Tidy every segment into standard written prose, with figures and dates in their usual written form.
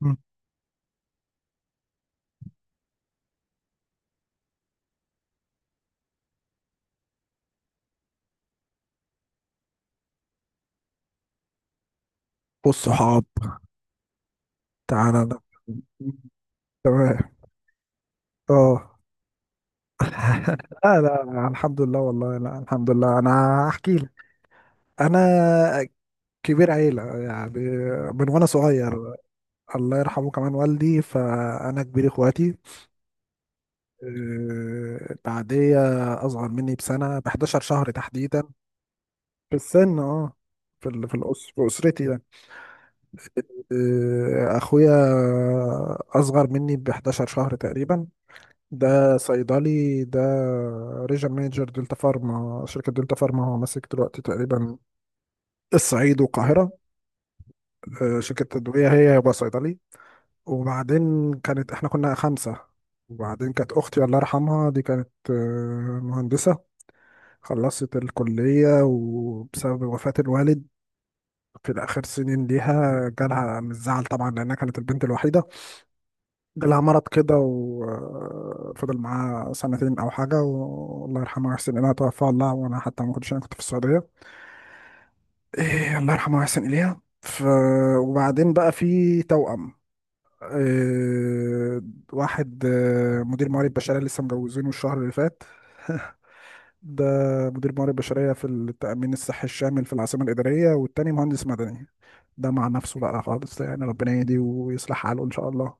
مم. والصحاب تعالى ده. مم. تمام. اه. لا لا لا، الحمد لله، والله لا الحمد لله، انا احكي لك. انا كبير عيلة يعني. من وانا صغير، الله يرحمه كمان والدي، فانا كبير اخواتي. بعديه اصغر مني بسنة، ب 11 شهر تحديدا. في السن، اه. في ال- في الأس... في اسرتي يعني. اخويا اصغر مني ب 11 شهر تقريبا. ده صيدلي ده. ريجن مانجر دلتا فارما، شركة دلتا فارما، هو ماسك دلوقتي تقريبا الصعيد والقاهرة. شركة تدوية هي. هو صيدلي. وبعدين احنا كنا خمسة. وبعدين كانت أختي الله يرحمها دي، كانت مهندسة، خلصت الكلية، وبسبب وفاة الوالد في الآخر سنين ليها جالها من الزعل طبعا، لأنها كانت البنت الوحيدة. جالها مرض كده وفضل معاه سنتين أو حاجة، والله يرحمه ويحسن إليها، توفى. الله وأنا حتى ما كنتش، أنا كنت في السعودية. إيه، الله يرحمه ويحسن إليها وبعدين بقى في توأم. إيه... واحد مدير موارد بشرية، لسه مجوزينه الشهر اللي فات. ده مدير موارد بشرية في التأمين الصحي الشامل في العاصمة الإدارية، والتاني مهندس مدني. ده مع نفسه بقى خالص يعني، ربنا يهديه ويصلح حاله إن شاء الله.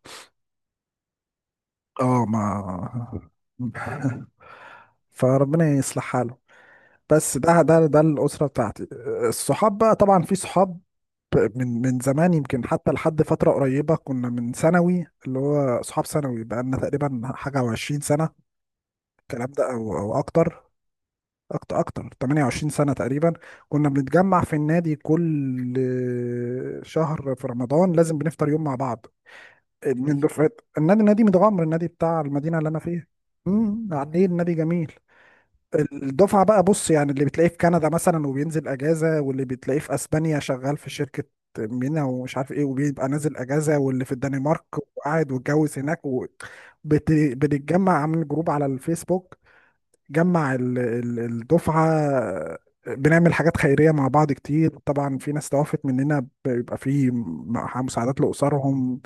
اه. ما فربنا يصلح حاله. بس ده الأسرة بتاعتي. الصحاب بقى، طبعا في صحاب من زمان، يمكن حتى لحد فترة قريبة، كنا من ثانوي اللي هو صحاب ثانوي، بقى لنا تقريبا حاجة وعشرين سنة الكلام ده، أو أكتر. أكتر أكتر 28 سنة تقريبا. كنا بنتجمع في النادي كل شهر، في رمضان لازم بنفطر يوم مع بعض، من دفعت النادي. نادي متغمر، النادي بتاع المدينه اللي انا فيها. عاملين نادي جميل. الدفعه بقى، بص يعني، اللي بتلاقيه في كندا مثلا وبينزل اجازه، واللي بتلاقيه في اسبانيا شغال في شركه مينا ومش عارف ايه وبيبقى نازل اجازه، واللي في الدنمارك وقاعد واتجوز هناك بنتجمع، عامل جروب على الفيسبوك جمع الدفعه. بنعمل حاجات خيريه مع بعض كتير، طبعا في ناس توفت مننا بيبقى في مساعدات لاسرهم.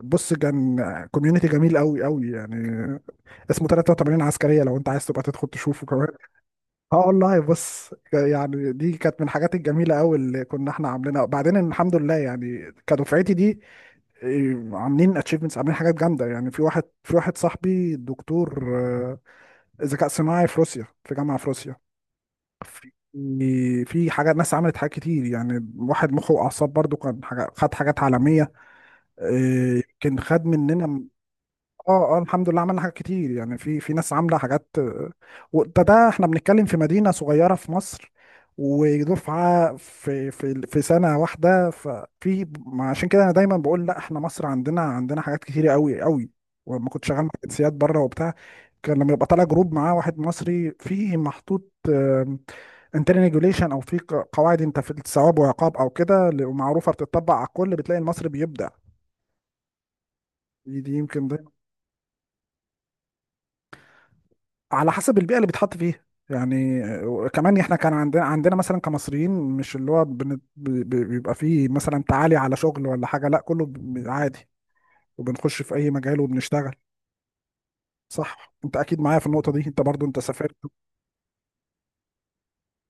بص، كان كوميونتي جميل قوي قوي يعني. اسمه 83 عسكريه، لو انت عايز تبقى تدخل تشوفه كمان. اه والله، بص يعني دي كانت من الحاجات الجميله قوي اللي كنا احنا عاملينها. بعدين الحمد لله يعني، كدفعتي دي، إيه، عاملين اتشيفمنتس، عاملين حاجات جامده يعني. في واحد صاحبي دكتور ذكاء صناعي في روسيا، في جامعه في روسيا. في في حاجات، ناس عملت حاجات كتير يعني. واحد مخه واعصاب برضو كان حاجة، خد حاجات عالميه، إيه، يمكن خد مننا. اه اه الحمد لله، عملنا حاجات كتير يعني. في ناس عامله حاجات. وده احنا بنتكلم في مدينه صغيره في مصر، ودفعه في سنه واحده، ففي ما عشان كده انا دايما بقول، لا احنا مصر عندنا، حاجات كتير قوي قوي. ولما كنت شغال مع جنسيات بره وبتاع، كان لما يبقى طالع جروب معاه واحد مصري فيه محطوط انترنال ريجوليشن، او في قواعد انت في الثواب وعقاب او كده، معروفه بتطبق على الكل، بتلاقي المصري بيبدع. دي يمكن ده على حسب البيئه اللي بيتحط فيها. يعني كمان احنا كان عندنا، مثلا كمصريين، مش اللي هو بيبقى فيه مثلا تعالي على شغل ولا حاجه، لا كله عادي. وبنخش في اي مجال وبنشتغل. صح، انت اكيد معايا في النقطه دي، انت برضو انت سافرت.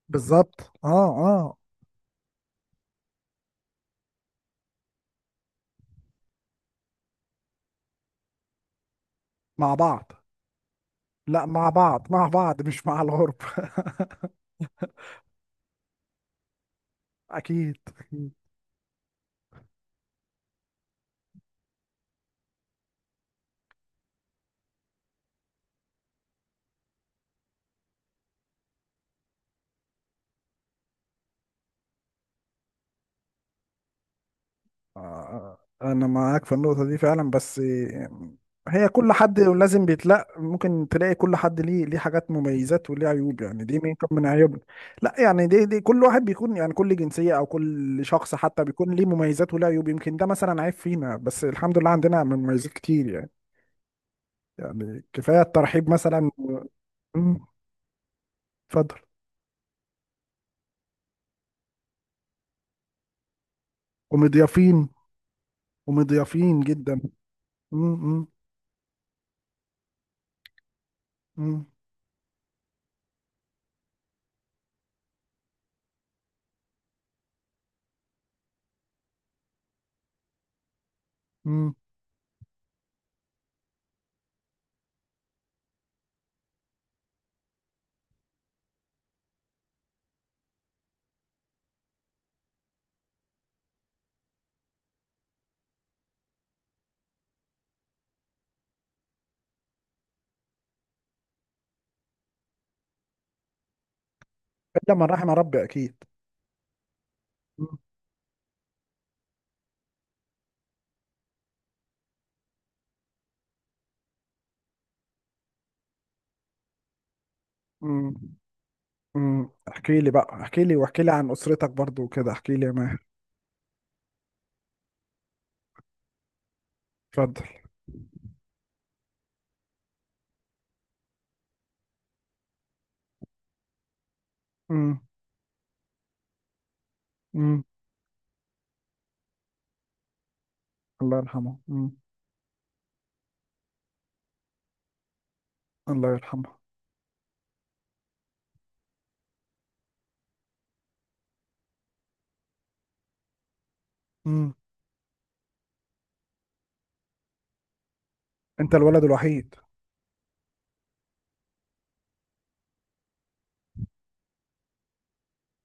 بالظبط، اه. اه مع بعض. لا مع بعض مع بعض، مش مع الغرب. اكيد. انا معاك في النقطة دي فعلا، بس هي كل حد لازم بيتلاقي، ممكن تلاقي كل حد ليه، حاجات مميزات وليه عيوب يعني، دي من كم من عيوبنا. لا يعني دي كل واحد بيكون يعني، كل جنسية او كل شخص حتى بيكون ليه مميزات وليه عيوب. يمكن ده مثلا عيب فينا، بس الحمد لله عندنا مميزات كتير يعني. يعني كفاية الترحيب مثلا. مم. اتفضل. ومضيافين. ومضيافين جدا. مم. مم. مم. مم. الا من رحم ربي اكيد. مم. مم. احكي لي بقى، احكي لي، واحكي لي عن اسرتك برضو وكده، احكي لي يا ماهر. اتفضل. امم. امم. الله يرحمه. امم. الله يرحمه امم انت الولد الوحيد؟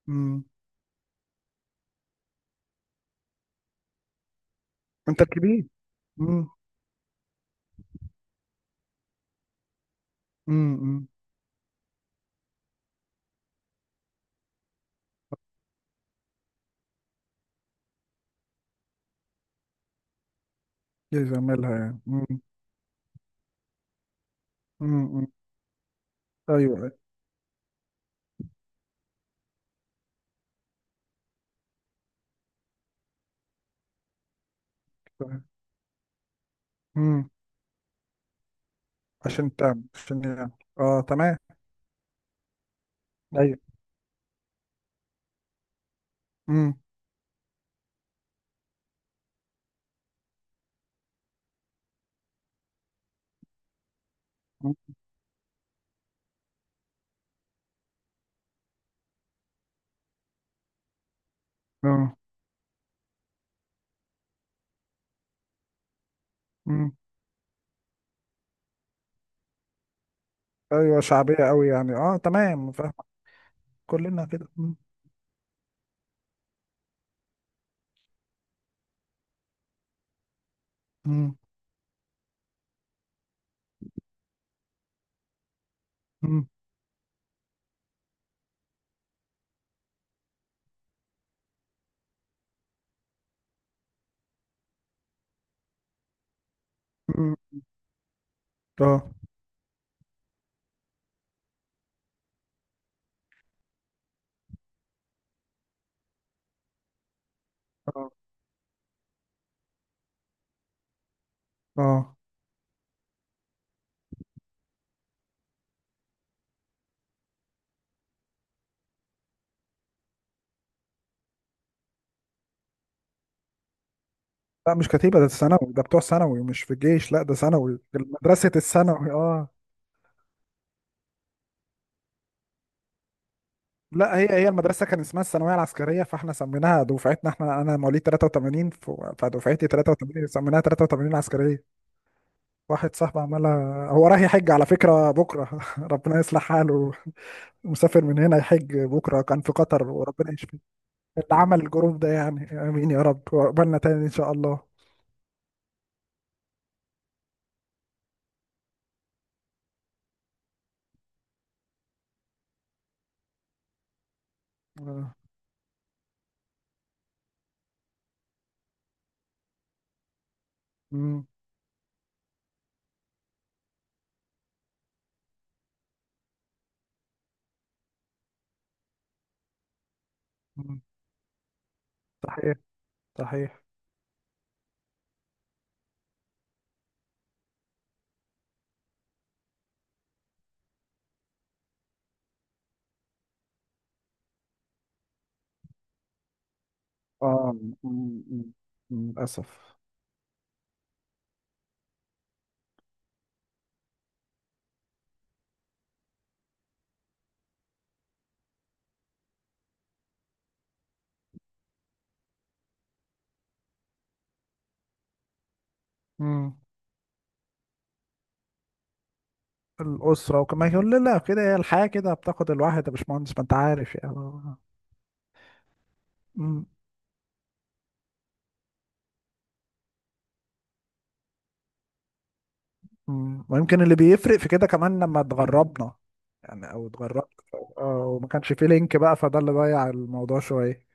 امم. انت الكبير. امم. امم. يزملها يعني. امم. امم. ايوه. امم. عشان تعمل، عشان يعني. اه، تمام. ايوه. امم. اه. امم. ايوه شعبيه قوي يعني. اه، تمام، فاهم. كلنا كده. امم. امم. امم. اه. اه. اه. لا مش كتيبة، ده ثانوي، ده بتوع ثانوي مش في الجيش. لا ده ثانوي، ده مدرسة الثانوي. اه. لا هي المدرسة كان اسمها الثانوية العسكرية، فاحنا سميناها دفعتنا احنا، انا مواليد 83 فدفعتي 83 سميناها 83 عسكرية. واحد صاحبي عملها هو رايح يحج على فكرة بكرة. ربنا يصلح حاله. مسافر من هنا يحج بكرة، كان في قطر وربنا يشفيه، اللي عمل الجروب ده يعني. امين يا رب، وقبلنا تاني ان شاء الله. آه. مم. مم. صحيح صحيح اه. م- م- م- للأسف. امم. الأسرة، وكمان يقول لي لا كده هي الحياة كده بتاخد الواحد يا باشمهندس، ما أنت عارف يعني. م- م. ويمكن اللي بيفرق في كده كمان لما اتغربنا، يعني، أو اتغربت. اه، وما كانش فيه لينك بقى، فده اللي ضيع الموضوع شوية.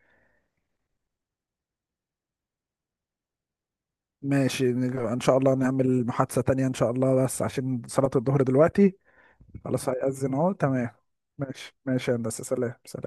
ماشي، إن شاء الله نعمل محادثة تانية إن شاء الله، بس عشان صلاة الظهر دلوقتي. خلاص، هيأذن أهو، تمام. ماشي ماشي يا هندسة، سلام سلام.